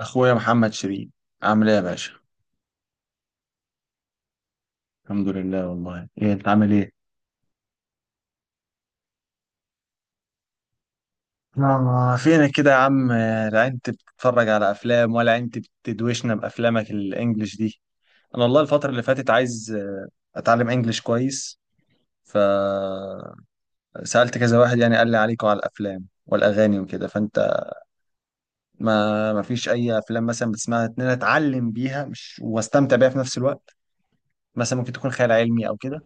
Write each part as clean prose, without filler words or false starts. اخويا محمد شريف، عامل ايه يا باشا؟ الحمد لله والله. ايه انت عامل ايه؟ آه، فينك كده يا عم؟ لا انت بتتفرج على افلام ولا انت بتدوشنا بافلامك الانجليش دي؟ انا والله الفتره اللي فاتت عايز اتعلم انجليش كويس، فسالت كذا واحد، يعني قال لي عليكم على الافلام والاغاني وكده. فانت ما فيش اي افلام مثلا بتسمعها ان انا اتعلم بيها مش واستمتع بيها في نفس الوقت؟ مثلا ممكن تكون خيال علمي او كده.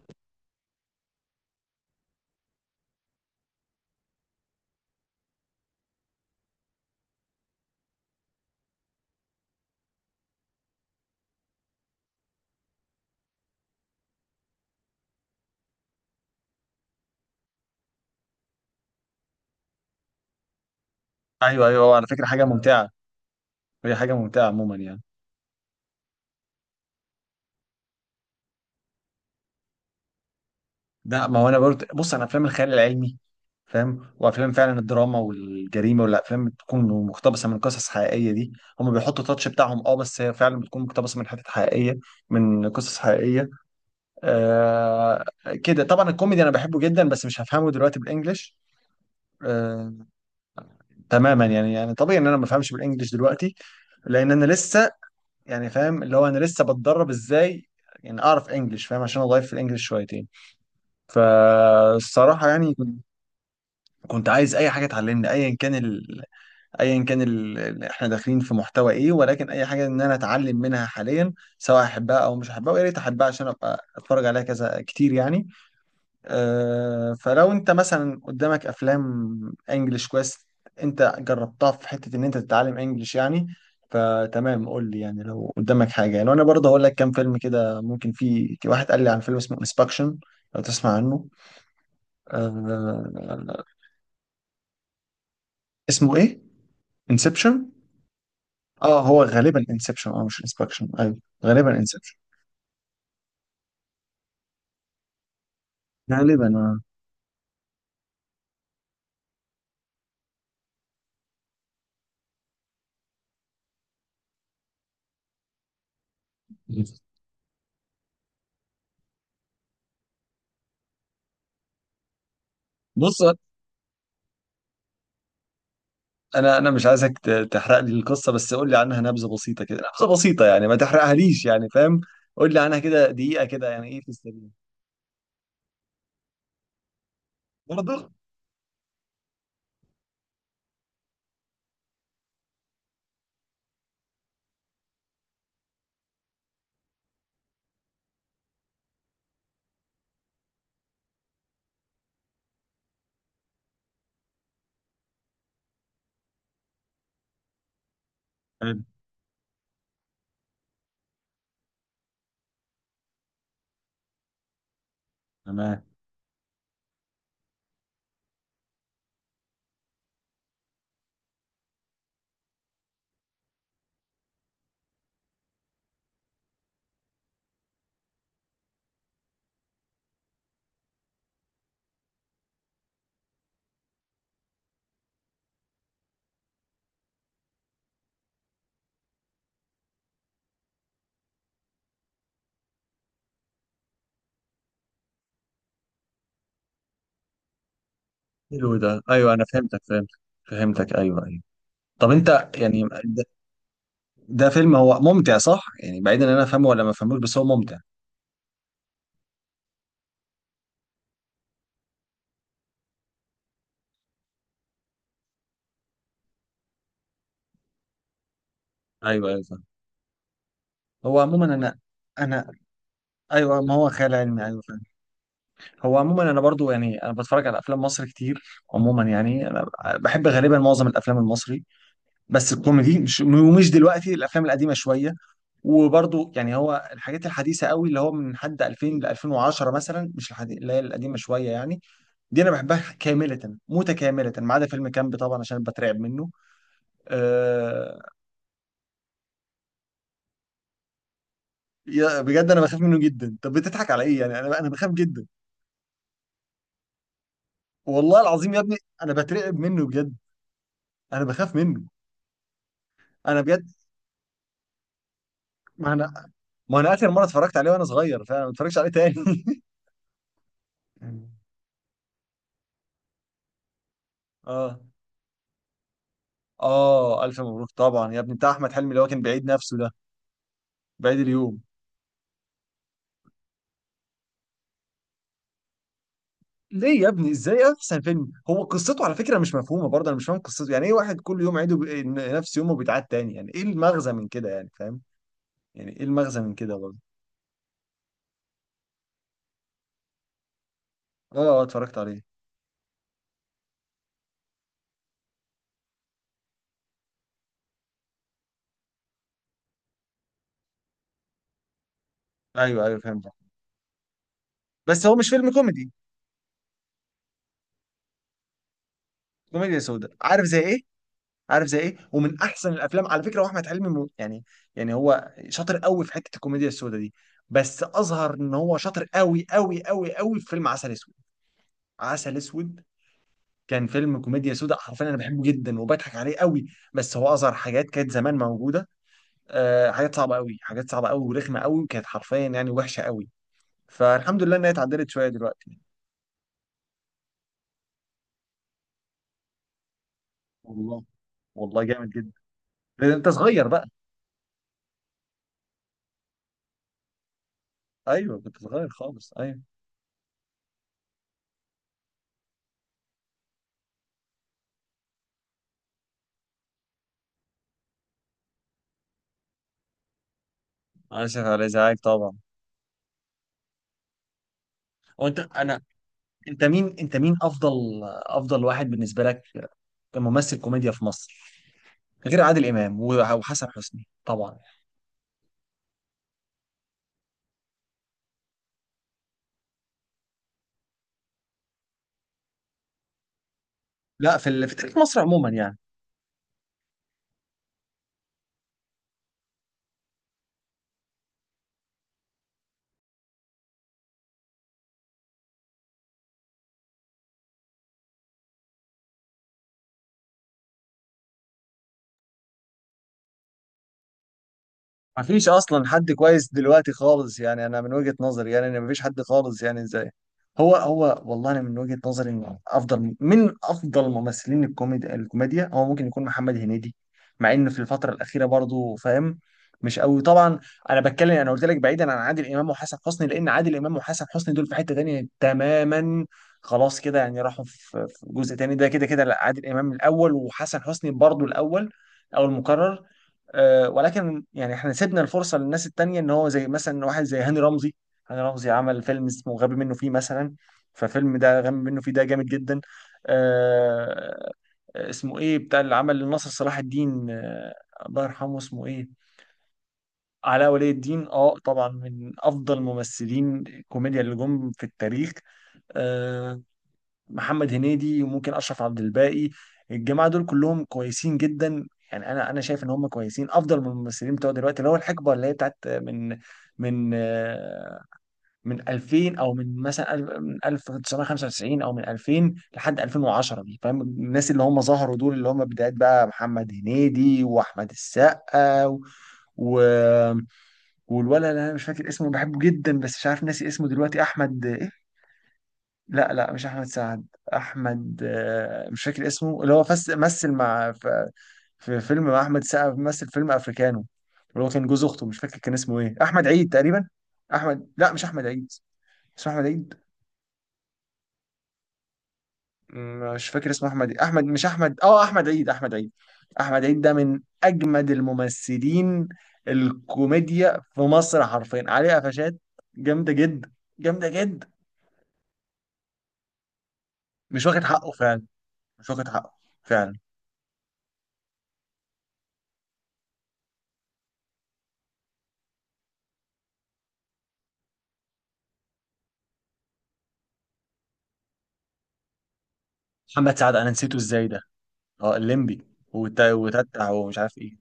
ايوه ايوه، هو على فكره حاجه ممتعه، هي حاجه ممتعه عموما يعني. لا ما هو انا برضه، بص، انا افلام الخيال العلمي فاهم، وافلام فعلا الدراما والجريمه والافلام بتكون مقتبسه من قصص حقيقيه دي، هم بيحطوا تاتش بتاعهم، اه بس هي فعلا بتكون مقتبسه من حتت حقيقيه، من قصص حقيقيه. آه، كده طبعا. الكوميدي انا بحبه جدا بس مش هفهمه دلوقتي بالانجلش. آه تماما يعني. يعني طبيعي ان انا ما بفهمش بالانجلش دلوقتي، لان انا لسه يعني فاهم اللي هو انا لسه بتدرب ازاي يعني اعرف انجلش فاهم عشان اضيف في الانجلش شويتين. فالصراحه يعني كنت عايز اي حاجه تعلمني، ايا كان ال... ايا كان ال... احنا داخلين في محتوى ايه، ولكن اي حاجه ان انا اتعلم منها حاليا سواء احبها او مش احبها، ويا ريت احبها عشان ابقى اتفرج عليها كذا كتير يعني. أه فلو انت مثلا قدامك افلام انجلش كويس، انت جربتها في حته ان انت تتعلم انجلش يعني، فتمام قول لي يعني لو قدامك حاجه يعني. وانا برضه هقول لك كام فيلم كده، ممكن في واحد قال لي عن فيلم اسمه انسبكشن، لو تسمع عنه. أه، اسمه ايه؟ انسبشن. اه هو غالبا انسبشن، اه مش انسبكشن، ايوه غالبا انسبشن. غالبا اه. بص، انا مش عايزك تحرق لي القصه، بس قول لي عنها نبذه بسيطه كده، نبذه بسيطه يعني ما تحرقهاليش يعني فاهم. قول لي عنها كده دقيقه كده، يعني ايه في السريع. برضه. حلو. تمام. حلو ده، ايوه انا فهمتك فهمتك فهمتك، ايوه ايوه. طب انت يعني ده، ده فيلم هو ممتع صح، يعني بعيدا ان انا افهمه ولا ما افهموش بس هو ممتع؟ ايوه ايوه فاهم. هو عموما انا، انا، ايوه ما هو خيال علمي ايوه. هو عموما انا برضو يعني انا بتفرج على افلام مصر كتير، عموما يعني انا بحب غالبا معظم الافلام المصري، بس الكوميدي مش، ومش دلوقتي، الافلام القديمه شويه. وبرضو يعني هو الحاجات الحديثه قوي اللي هو من حد 2000 ل 2010 مثلا، مش الحديث، اللي هي القديمه شويه يعني، دي انا بحبها كامله متكامله، ما عدا فيلم كامب طبعا عشان بترعب منه. أه، يا- بجد انا بخاف منه جدا، طب بتضحك على ايه يعني، انا انا بخاف جدا. والله العظيم يا ابني انا بترعب منه بجد، انا بخاف منه. انا بجد، ما انا، ما انا اخر مره اتفرجت عليه وانا صغير، فانا ما اتفرجش عليه تاني. اه اه، الف مبروك طبعا يا ابني، بتاع احمد حلمي اللي هو كان بعيد نفسه ده، بعيد اليوم. ليه يا ابني ازاي احسن فيلم؟ هو قصته على فكره مش مفهومه برضه، انا مش فاهم قصته يعني ايه، واحد كل يوم عيده بي... نفس يومه بيتعاد تاني، يعني ايه المغزى من كده يعني فاهم؟ يعني ايه المغزى من كده برضه؟ اه اه اتفرجت عليه. ايوه ايوه فهمت. بس هو مش فيلم كوميدي؟ كوميديا سودا، عارف زي ايه؟ عارف زي ايه، ومن احسن الافلام على فكره، واحمد حلمي يعني، يعني هو شاطر قوي في حته الكوميديا السوداء دي، بس اظهر ان هو شاطر قوي قوي قوي قوي في فيلم عسل اسود. عسل اسود كان فيلم كوميديا سوداء حرفيا، انا بحبه جدا وبضحك عليه قوي، بس هو اظهر حاجات كانت زمان موجوده. آه حاجات صعبه قوي، حاجات صعبه قوي ورخمه قوي، وكانت حرفيا يعني وحشه قوي، فالحمد لله انها اتعدلت شويه دلوقتي. والله. والله جامد جدا. انت صغير بقى. ايوه كنت صغير خالص ايوه. اسف على ازعاج طبعا. وانت انا، انت مين، انت مين افضل، افضل واحد بالنسبه لك كممثل كوميديا في مصر، غير عادل امام وحسن حسني طبعا؟ لا في تاريخ مصر عموما يعني. مفيش اصلا حد كويس دلوقتي خالص يعني، انا من وجهة نظري يعني ان مفيش حد خالص يعني ازاي. هو والله انا من وجهة نظري ان افضل من افضل ممثلين الكوميديا، الكوميديا هو ممكن يكون محمد هنيدي، مع انه في الفترة الأخيرة برضو فاهم مش قوي طبعا. انا بتكلم انا قلت لك بعيدا عن عادل امام وحسن حسني، لان عادل امام وحسن حسني دول في حتة تانية تماما، خلاص كده يعني راحوا في في جزء تاني ده، كده كده لا، عادل امام الاول وحسن حسني برضو الاول او المكرر. ولكن يعني احنا سيبنا الفرصه للناس التانيه، ان هو زي مثلا واحد زي هاني رمزي. هاني رمزي عمل فيلم اسمه غبي منه فيه مثلا، ففيلم ده غبي منه فيه ده جامد جدا. آه، اسمه ايه بتاع اللي عمل لناصر صلاح الدين، الله يرحمه، اسمه ايه؟ علاء ولي الدين. اه طبعا من افضل ممثلين الكوميديا اللي جم في التاريخ. آه، محمد هنيدي وممكن اشرف عبد الباقي، الجماعه دول كلهم كويسين جدا. يعني انا شايف ان هم كويسين افضل من الممثلين بتوع دلوقتي، اللي هو الحقبه اللي هي بتاعت من آه، من 2000 او من مثلا من 1995 او من 2000 لحد 2010 دي فاهم، الناس اللي هم ظهروا دول اللي هم بدايات بقى محمد هنيدي واحمد السقا و... و- والولد اللي انا مش فاكر اسمه بحبه جدا، بس مش عارف ناسي اسمه دلوقتي، احمد ايه. لا لا مش احمد سعد، احمد مش فاكر اسمه، اللي هو فس مثل مع في، في فيلم مع احمد سعد، مثل فيلم افريكانو، اللي هو كان جوز اخته مش فاكر كان اسمه ايه، احمد عيد تقريبا. احمد، لا مش احمد عيد، اسمه احمد عيد. مش فاكر اسمه احمد إيه. احمد مش احمد اه احمد عيد احمد عيد. احمد عيد ده من اجمد الممثلين الكوميديا في مصر حرفيا، عليه قفشات جامده جدا، جامده جدا. مش واخد حقه فعلا، مش واخد حقه فعلا. محمد سعد، انا نسيته ازاي ده. اه الليمبي، وتتع ومش عارف ايه.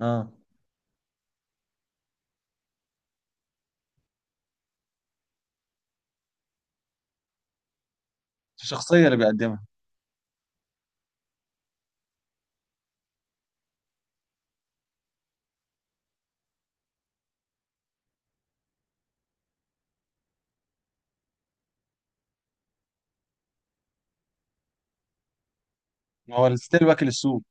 اه الشخصية اللي بيقدمها. هو ستيل واكل السوق.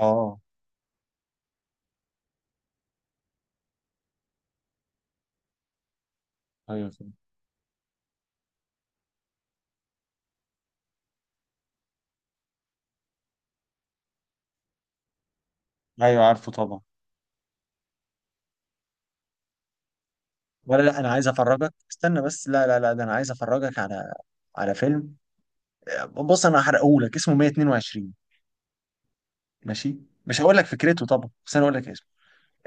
اه. ايوه فاهم. ايوه عارفه طبعا. ولا لا انا عايز افرجك، استنى بس، لا لا لا ده انا عايز افرجك على على فيلم. بص انا هحرقهولك، اسمه 122. ماشي؟ مش هقول لك فكرته طبعا، بس انا هقول لك اسمه،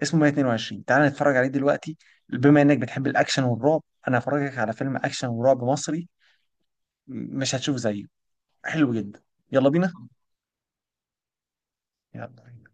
اسمه 122. تعال نتفرج عليه دلوقتي، بما انك بتحب الاكشن والرعب، انا هفرجك على فيلم اكشن ورعب مصري، مش هتشوف زيه، حلو جدا. يلا بينا. يلا بينا.